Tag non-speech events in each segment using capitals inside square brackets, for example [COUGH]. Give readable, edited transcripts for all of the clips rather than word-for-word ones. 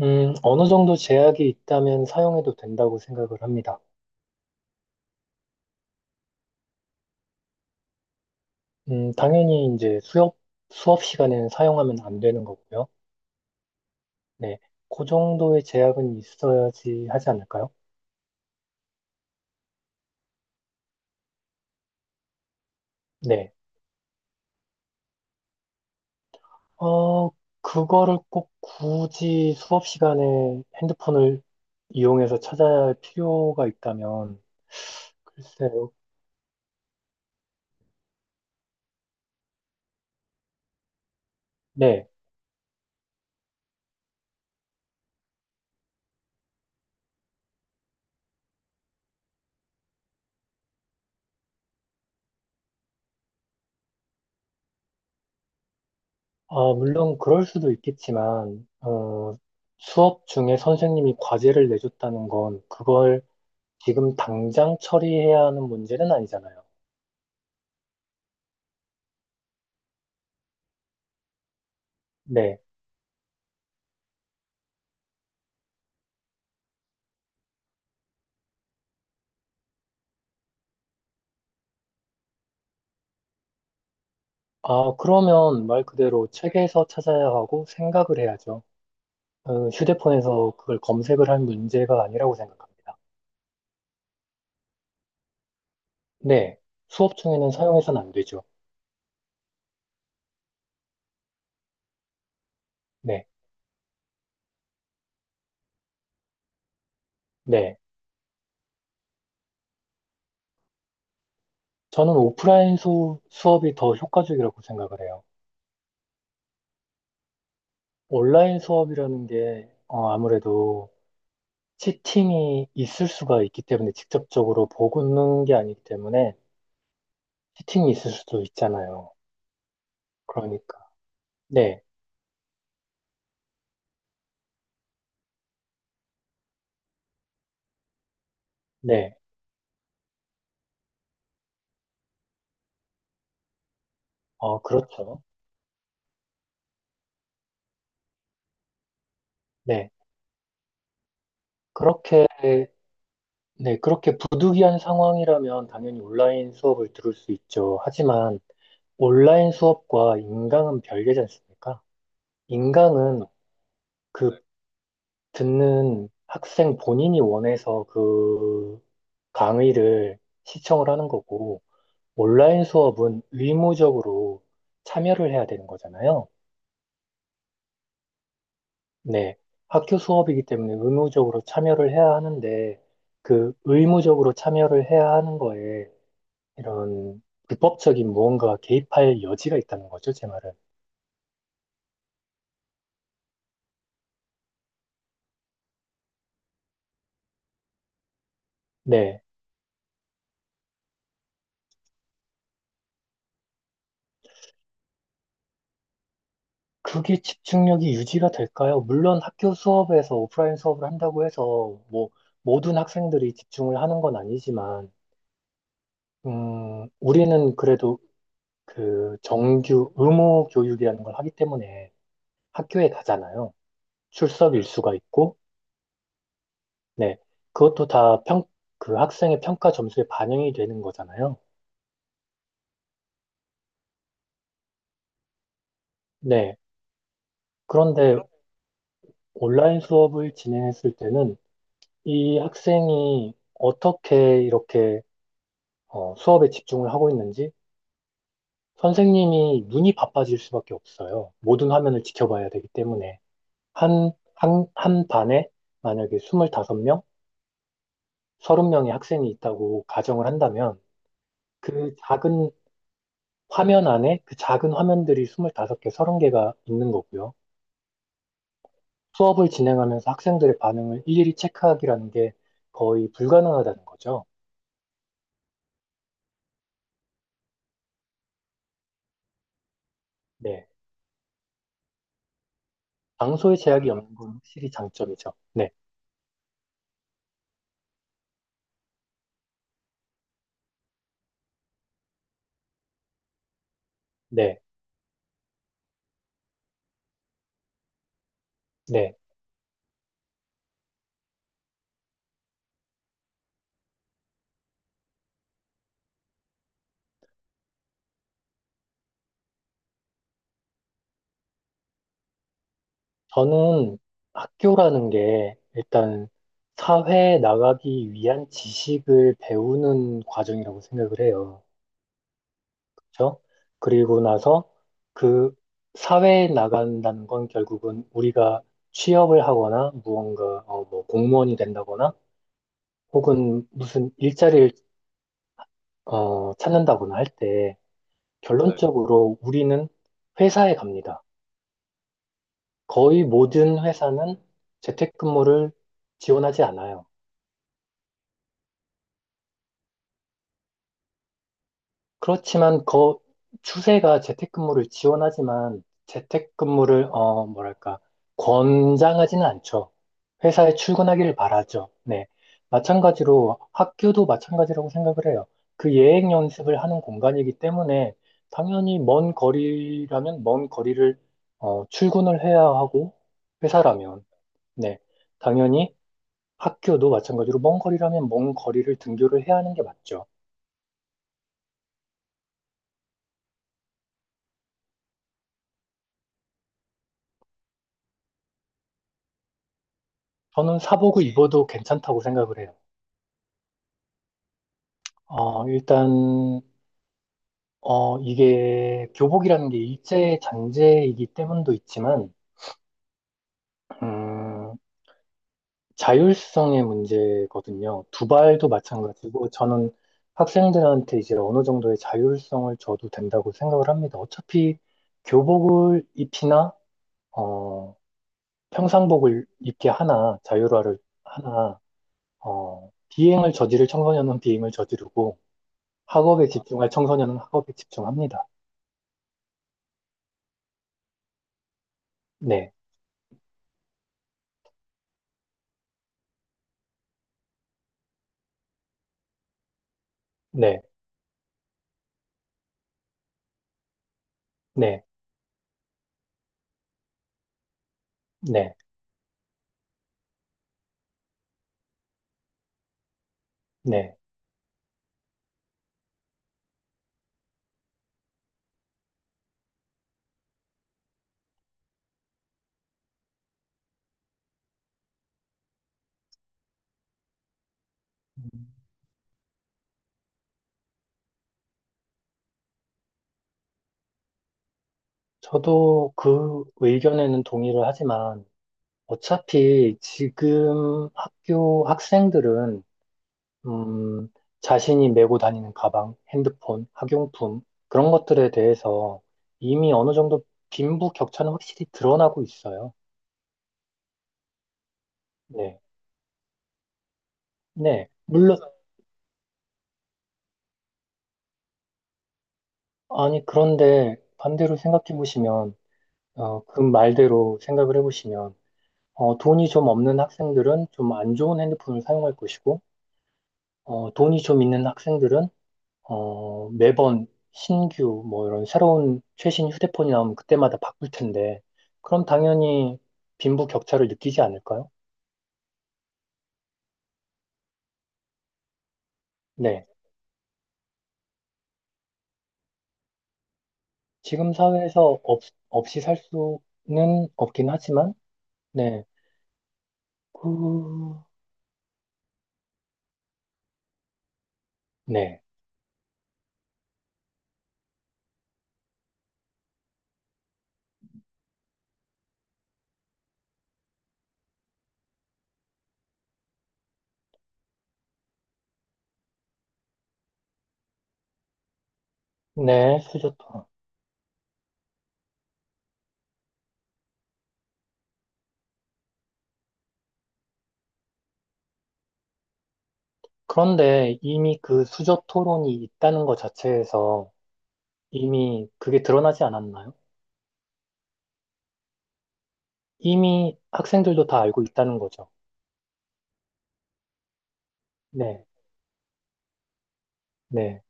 어느 정도 제약이 있다면 사용해도 된다고 생각을 합니다. 당연히 이제 수업 시간에는 사용하면 안 되는 거고요. 네. 그 정도의 제약은 있어야지 하지 않을까요? 네. 어, 그거를 꼭 굳이 수업 시간에 핸드폰을 이용해서 찾아야 할 필요가 있다면, 글쎄요. 네. 아, 물론 그럴 수도 있겠지만, 수업 중에 선생님이 과제를 내줬다는 건 그걸 지금 당장 처리해야 하는 문제는 아니잖아요. 네. 아, 그러면 말 그대로 책에서 찾아야 하고 생각을 해야죠. 휴대폰에서 그걸 검색을 할 문제가 아니라고 생각합니다. 네. 수업 중에는 사용해서는 안 되죠. 네. 네. 저는 오프라인 수업이 더 효과적이라고 생각을 해요. 온라인 수업이라는 게 아무래도 치팅이 있을 수가 있기 때문에 직접적으로 보는 게 아니기 때문에 치팅이 있을 수도 있잖아요. 그러니까. 네. 네, 그렇죠. 네, 그렇게, 네, 그렇게 부득이한 상황이라면 당연히 온라인 수업을 들을 수 있죠. 하지만 온라인 수업과 인강은 별개지 않습니까? 인강은 그 듣는 학생 본인이 원해서 그 강의를 시청을 하는 거고, 온라인 수업은 의무적으로 참여를 해야 되는 거잖아요. 네, 학교 수업이기 때문에 의무적으로 참여를 해야 하는데, 그 의무적으로 참여를 해야 하는 거에 이런 불법적인 무언가가 개입할 여지가 있다는 거죠, 제 말은. 네, 그게 집중력이 유지가 될까요? 물론 학교 수업에서 오프라인 수업을 한다고 해서 뭐 모든 학생들이 집중을 하는 건 아니지만, 우리는 그래도 그 정규 의무 교육이라는 걸 하기 때문에 학교에 가잖아요. 출석 일수가 있고, 네. 그것도 다 그 학생의 평가 점수에 반영이 되는 거잖아요. 네. 그런데 온라인 수업을 진행했을 때는 이 학생이 어떻게 이렇게 수업에 집중을 하고 있는지 선생님이 눈이 바빠질 수밖에 없어요. 모든 화면을 지켜봐야 되기 때문에. 한 반에 만약에 25명, 30명의 학생이 있다고 가정을 한다면 그 작은 화면 안에 그 작은 화면들이 25개, 30개가 있는 거고요. 수업을 진행하면서 학생들의 반응을 일일이 체크하기라는 게 거의 불가능하다는 거죠. 네. 장소의 제약이 없는 건 확실히 장점이죠. 네. 네. 네. 저는 학교라는 게 일단 사회에 나가기 위한 지식을 배우는 과정이라고 생각을 해요. 그렇죠? 그리고 나서 그 사회에 나간다는 건 결국은 우리가 취업을 하거나 무언가 뭐 공무원이 된다거나 혹은 무슨 일자리를 찾는다거나 할 때, 네. 결론적으로 우리는 회사에 갑니다. 거의 모든 회사는 재택근무를 지원하지 않아요. 그렇지만 그 추세가 재택근무를 지원하지만 재택근무를 뭐랄까 권장하지는 않죠. 회사에 출근하기를 바라죠. 네. 마찬가지로 학교도 마찬가지라고 생각을 해요. 그 예행 연습을 하는 공간이기 때문에 당연히 먼 거리라면 먼 거리를 출근을 해야 하고 회사라면 네. 당연히 학교도 마찬가지로 먼 거리라면 먼 거리를 등교를 해야 하는 게 맞죠. 저는 사복을 입어도 괜찮다고 생각을 해요. 일단, 이게 교복이라는 게 일제 잔재이기 때문도 있지만, 음, 자율성의 문제거든요. 두발도 마찬가지고, 저는 학생들한테 이제 어느 정도의 자율성을 줘도 된다고 생각을 합니다. 어차피 교복을 입히나, 어, 평상복을 입게 하나, 자율화를 하나, 비행을 저지를 청소년은 비행을 저지르고, 학업에 집중할 청소년은 학업에 집중합니다. 네, 네. 네. 네, 네. 음, 저도 그 의견에는 동의를 하지만 어차피 지금 학교 학생들은 음, 자신이 메고 다니는 가방, 핸드폰, 학용품 그런 것들에 대해서 이미 어느 정도 빈부격차는 확실히 드러나고 있어요. 네, 네. 물론 아니 그런데 반대로 생각해 보시면 그 말대로 생각을 해보시면 돈이 좀 없는 학생들은 좀 안 좋은 핸드폰을 사용할 것이고 돈이 좀 있는 학생들은 매번 신규 뭐 이런 새로운 최신 휴대폰이 나오면 그때마다 바꿀 텐데 그럼 당연히 빈부 격차를 느끼지 않을까요? 네. 지금 사회에서 없이 살 수는 없긴 하지만 네. 그 네. 네, 수저 토론. 그런데 이미 그 수저 토론이 있다는 것 자체에서 이미 그게 드러나지 않았나요? 이미 학생들도 다 알고 있다는 거죠. 네. 네.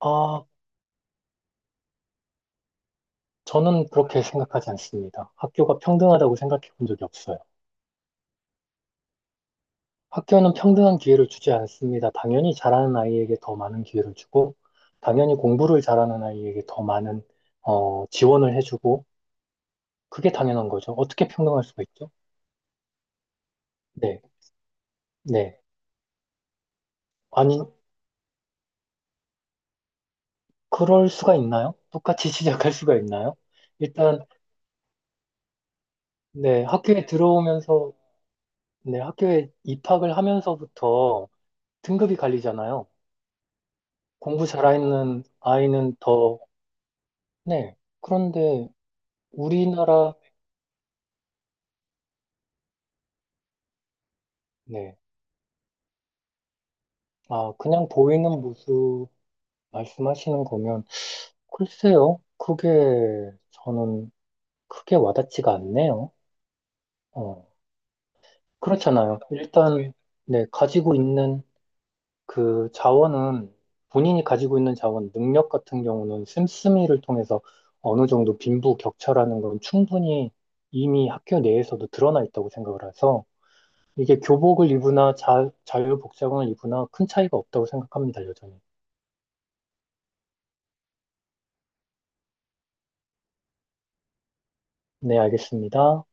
아, 저는 그렇게 생각하지 않습니다. 학교가 평등하다고 생각해 본 적이 없어요. 학교는 평등한 기회를 주지 않습니다. 당연히 잘하는 아이에게 더 많은 기회를 주고, 당연히 공부를 잘하는 아이에게 더 많은, 지원을 해주고, 그게 당연한 거죠. 어떻게 평등할 수가 있죠? 네, 네. 아니, 그럴 수가 있나요? 똑같이 [LAUGHS] 시작할 수가 있나요? 일단, 네, 학교에 들어오면서, 네, 학교에 입학을 하면서부터 등급이 갈리잖아요. 공부 잘하는 아이는 더 네. 그런데 우리나라, 네. 아, 그냥 보이는 모습 말씀하시는 거면, 글쎄요. 그게 저는 크게 와닿지가 않네요. 어, 그렇잖아요. 일단, 네. 가지고 있는 그 자원은, 본인이 가지고 있는 자원, 능력 같은 경우는 씀씀이를 통해서 어느 정도 빈부 격차라는 건 충분히 이미 학교 내에서도 드러나 있다고 생각을 해서, 이게 교복을 입으나 자유복장을 입으나 큰 차이가 없다고 생각합니다, 여전히. 네, 알겠습니다.